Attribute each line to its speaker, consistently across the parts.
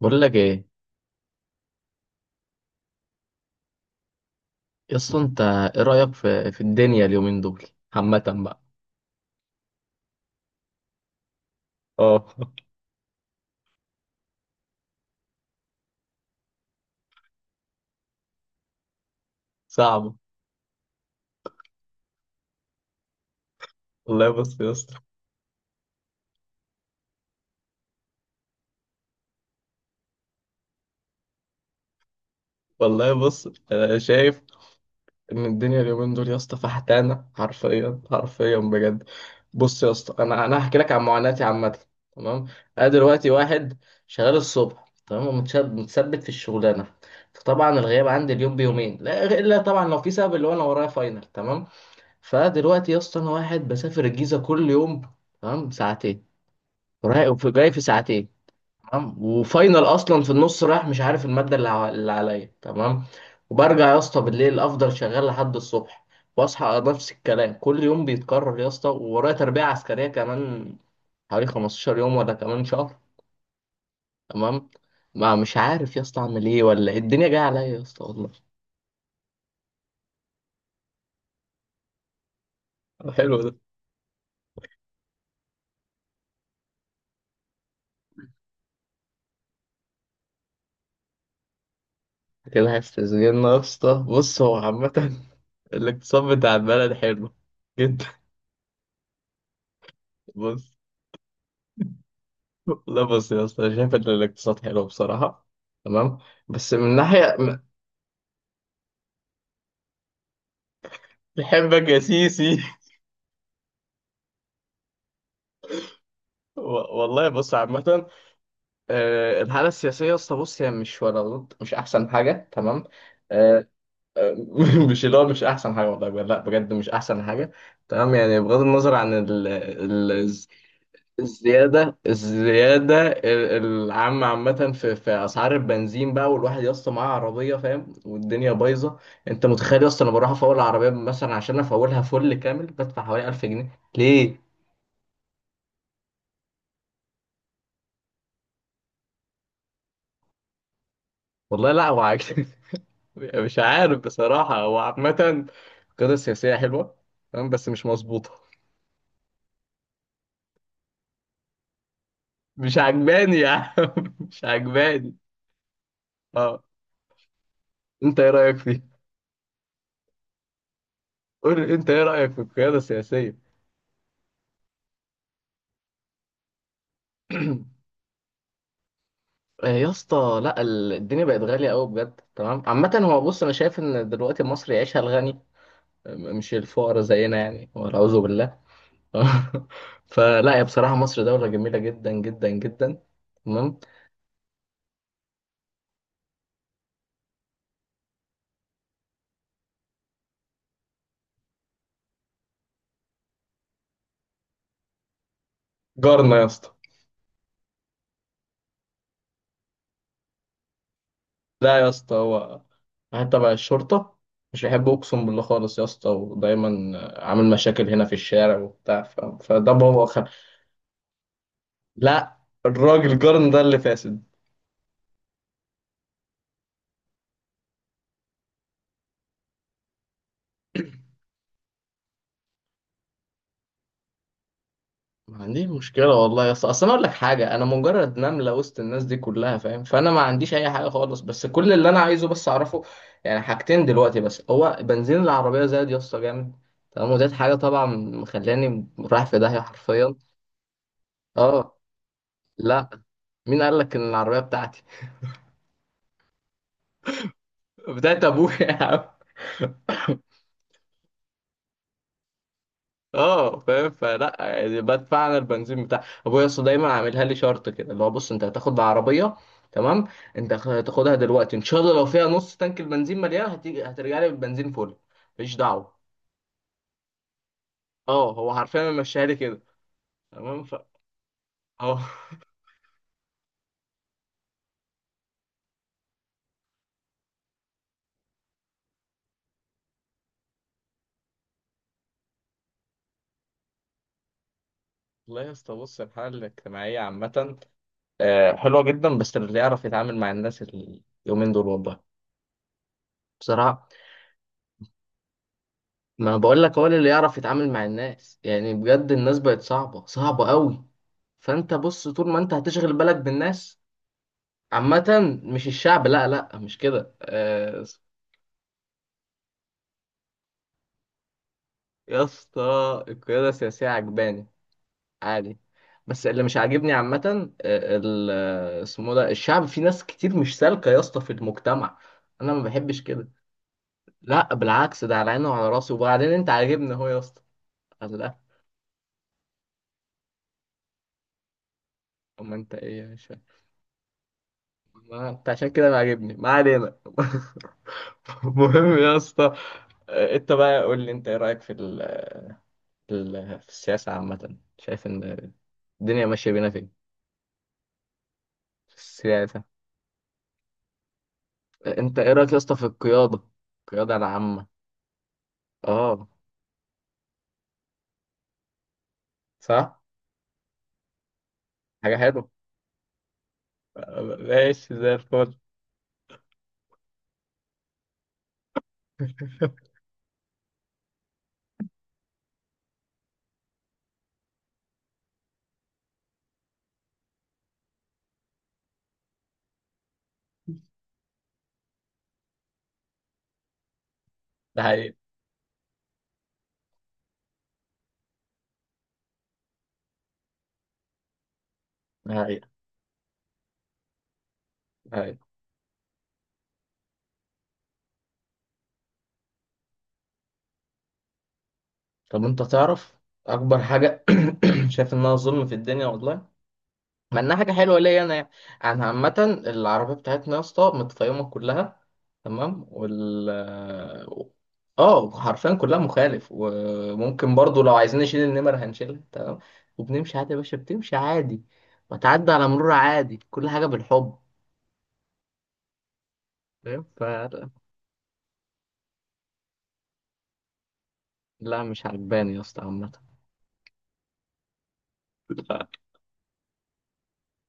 Speaker 1: بقول لك ايه. اصلا انت ايه رايك في الدنيا اليومين دول عامه بقى. اه. صعبه. والله بص يا اسطى. والله بص انا شايف ان الدنيا اليومين دول يا اسطى فحتانه، حرفيا بجد. بص يا اسطى، انا هحكي لك عن معاناتي عامه، تمام؟ انا دلوقتي واحد شغال الصبح، تمام، متثبت في الشغلانه. فطبعا الغياب عندي اليوم بيومين لا الا طبعا لو في سبب، اللي هو انا ورايا فاينل، تمام. فدلوقتي يا اسطى انا واحد بسافر الجيزه كل يوم، تمام، ساعتين رايح جاي في ساعتين، تمام. وفاينل اصلا في النص، رايح مش عارف الماده اللي عليا، تمام. وبرجع يا اسطى بالليل افضل شغال لحد الصبح، واصحى نفس الكلام كل يوم بيتكرر يا اسطى. وورايا تربيه عسكريه كمان حوالي 15 يوم ولا كمان شهر، تمام؟ ما مش عارف يا اسطى اعمل ايه ولا إيه. الدنيا جايه عليا يا اسطى والله. حلو ده. كده هيستثمرنا يا اسطى. بص هو عامة الاقتصاد بتاع البلد حلو جدا. بص، لا بص يا اسطى أنا شايف ان الاقتصاد حلو بصراحة، تمام، بس من ناحية. بحبك يا سيسي. و- والله بص عامة، آه، الحالة السياسية يا اسطى بص هي مش ولا ضد، مش أحسن حاجة، تمام. آه، آه، مش اللي هو مش أحسن حاجة والله بجد، لا بجد مش أحسن حاجة، تمام. يعني بغض النظر عن ال، الزيادة العامة عامة في أسعار البنزين بقى، والواحد يا اسطى معاه عربية فاهم، والدنيا بايظة. أنت متخيل يا اسطى أنا بروح أفول العربية مثلا، عشان أفولها فل كامل بدفع حوالي 1000 جنيه؟ ليه؟ والله لا هو مش عارف بصراحة. هو عامة القيادة السياسية حلوة، تمام، بس مش مظبوطة. مش عجباني يا عم، مش عجباني. أه، أنت إيه رأيك فيه؟ قول لي أنت إيه رأيك في القيادة السياسية؟ آه، يا اسطى لا، الدنيا بقت غالية قوي بجد، تمام. عامة هو بص أنا شايف إن دلوقتي مصر يعيشها الغني، مش الفقراء زينا يعني، والعياذ بالله. فلا يا، بصراحة مصر دولة جميلة جدا جدا جدا، تمام. جارنا يا اسطى. لا يا اسطى، هو واحد تبع الشرطة، مش بيحب أقسم بالله خالص يا اسطى، ودايما عامل مشاكل هنا في الشارع وبتاع. ف... فده بابا خل... لا، الراجل جارنا ده اللي فاسد. ما عنديش مشكلة والله يا اسطى. اصل انا اقول لك حاجة، انا مجرد نملة وسط الناس دي كلها فاهم، فانا ما عنديش اي حاجة خالص. بس كل اللي انا عايزه بس اعرفه، يعني حاجتين دلوقتي بس. هو بنزين العربية زاد يا اسطى جامد، تمام. وديت حاجة طبعا مخلاني رايح في داهية حرفيا. اه. لا، مين قال لك ان العربية بتاعتي؟ بتاعت ابويا يا عم. اه فاهم. فلا يعني بدفع انا البنزين بتاع ابويا. اصل دايما عاملها لي شرط كده، اللي هو بص انت هتاخد العربيه، تمام، انت هتاخدها دلوقتي ان شاء الله، لو فيها نص تانك البنزين مليان هتيجي هترجع لي بالبنزين فل، مفيش دعوه. اه هو حرفيا ماشيها لي كده، تمام. ف، اه. والله يا اسطى بص الحاله الاجتماعيه عامه، آه، حلوه جدا، بس اللي يعرف يتعامل مع الناس اليومين دول والله. بصراحه ما بقول لك، هو اللي يعرف يتعامل مع الناس يعني بجد، الناس بقت صعبة صعبة قوي. فانت بص طول ما انت هتشغل بالك بالناس. عامة مش الشعب، لا لا مش كده، آه، يا اسطى القيادة السياسية عجباني، عادي. بس اللي مش عاجبني عامة، آه، ال، آه، اسمه ده الشعب. في ناس كتير مش سالكة يا اسطى في المجتمع، انا ما بحبش كده. لا بالعكس، ده على عيني وعلى راسي. وبعدين انت عاجبني اهو يا اسطى، قال لا. اما انت ايه يا. ما انت عشان كده ما عاجبني، ما علينا. مهم يا اسطى، آه، انت بقى قول لي انت ايه رايك في ال... في ال... في السياسه عامه، شايف ان الدنيا ماشيه بينا فين؟ في السياسه، آه، انت ايه رايك يا اسطى في القياده، القياده العامه؟ اه صح. حاجه حلوه، آه، ماشي زي الفل. ده حقيقي. ده حقيقي. ده حقيقي. طب انت تعرف اكبر حاجه شايف انها ظلم في الدنيا والله، مع انها حاجه حلوه ليا انا يعني. انا عامه العربيه بتاعتنا يا اسطى متطيمه كلها، تمام. وال، اه حرفيا كلها مخالف. وممكن برضو لو عايزين نشيل النمر هنشيلها، تمام، وبنمشي عادي يا باشا. بتمشي عادي، وتعدي على مرور عادي، كل حاجه بالحب، فاهم؟ ف، لا مش عجباني يا اسطى عامه. لا،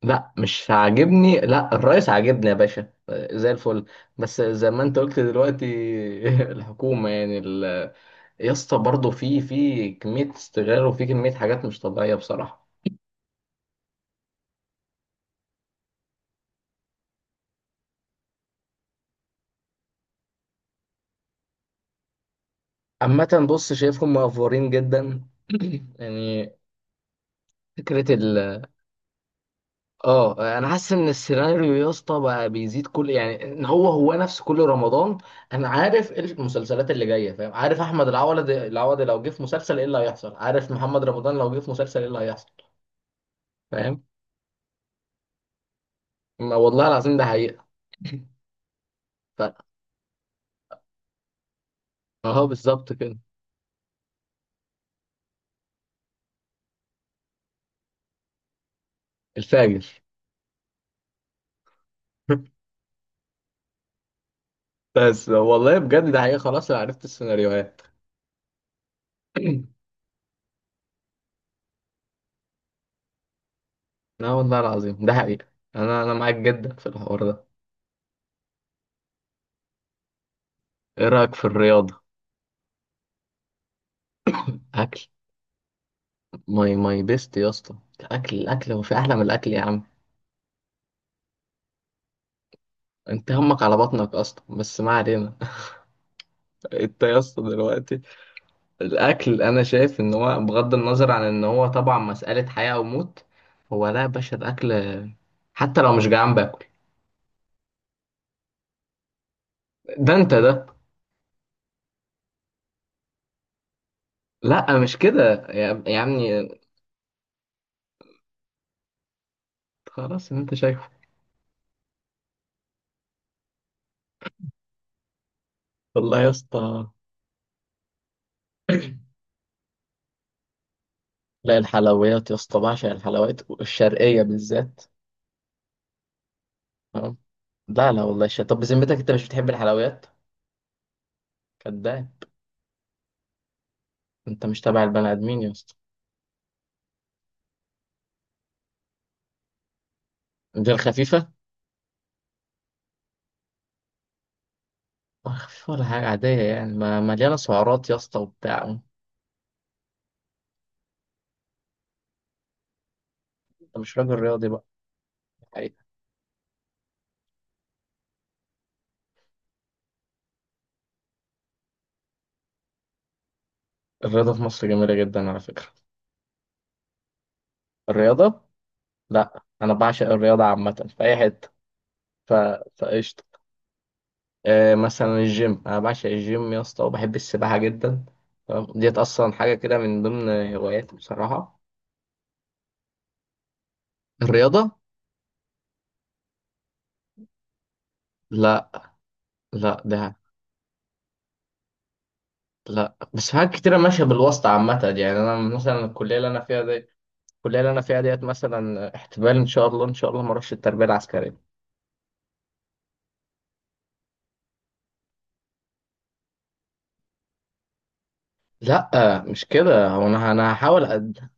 Speaker 1: لا، مش عاجبني. لا، الرئيس عاجبني يا باشا، آه، زي الفل، بس زي ما انت قلت دلوقتي، الحكومه يعني يا اسطى برضه في كمية استغلال، وفي كمية حاجات مش طبيعية بصراحة. عامة بص شايفهم مأفورين جدا. يعني فكرة ال، اه انا حاسس ان السيناريو يا اسطى بقى بيزيد كل، يعني ان هو نفس كل رمضان. انا عارف إيه المسلسلات اللي جاية، فاهم؟ عارف احمد العوضي لو جه في مسلسل ايه اللي هيحصل، عارف محمد رمضان لو جه في مسلسل ايه اللي هيحصل، فاهم؟ ما والله العظيم ده حقيقة. ف... اهو بالظبط كده. الفاجر. بس والله بجد ده حقيقة، خلاص انا عرفت السيناريوهات. لا والله العظيم ده حقيقة، انا معاك جدا في الحوار ده. ايه رأيك في الرياضة؟ اكل، ماي ماي بيست يا اسطى، الاكل الاكل. هو في احلى من الاكل يا عم؟ انت همك على بطنك اصلا، بس ما علينا. انت يا اسطى دلوقتي الاكل، انا شايف ان هو بغض النظر عن ان هو طبعا مسألة حياة او موت، هو لا يا باشا الاكل حتى لو مش جعان باكل. ده انت ده. لا مش كده يا، عمي. خلاص اللي انت شايفه. والله يا اسطى لا، الحلويات يا اسطى بعشق الحلويات الشرقية بالذات، تمام. لا لا والله الشرقية. طب بذمتك انت مش بتحب الحلويات؟ كداب. انت مش تبع البني ادمين يا اسطى. دي الخفيفة؟ ولا خفيفة ولا حاجة عادية، يعني ما مليانة سعرات يا اسطى وبتاع. انت مش راجل رياضي بقى؟ الحقيقة. الرياضة في مصر جميلة جدا على فكرة. الرياضة، لا انا بعشق الرياضة عامة في اي حتة. ف... فقشطة. آه مثلا الجيم، انا بعشق الجيم يا اسطى، وبحب السباحة جدا، تمام؟ ديت اصلا حاجة كده من ضمن هواياتي بصراحة. الرياضة، لا. لا ده. لا بس حاجات كتيرة ماشية بالواسطة عامة. يعني أنا مثلا الكلية اللي أنا فيها دي، الكلية اللي أنا فيها ديت مثلا احتمال إن شاء الله إن شاء الله ما أروحش التربية العسكرية. لا مش كده، هو أنا هحاول قد،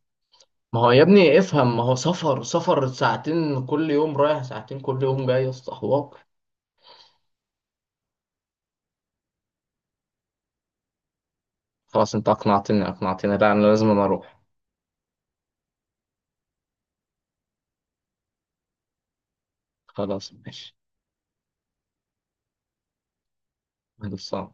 Speaker 1: ما هو يا ابني افهم، ما هو سفر ساعتين كل يوم رايح، ساعتين كل يوم جاي يا اسطى حوار. خلاص أنت أقنعتني أقنعتني، لا أنا لازم، أروح. خلاص ماشي. خلاص.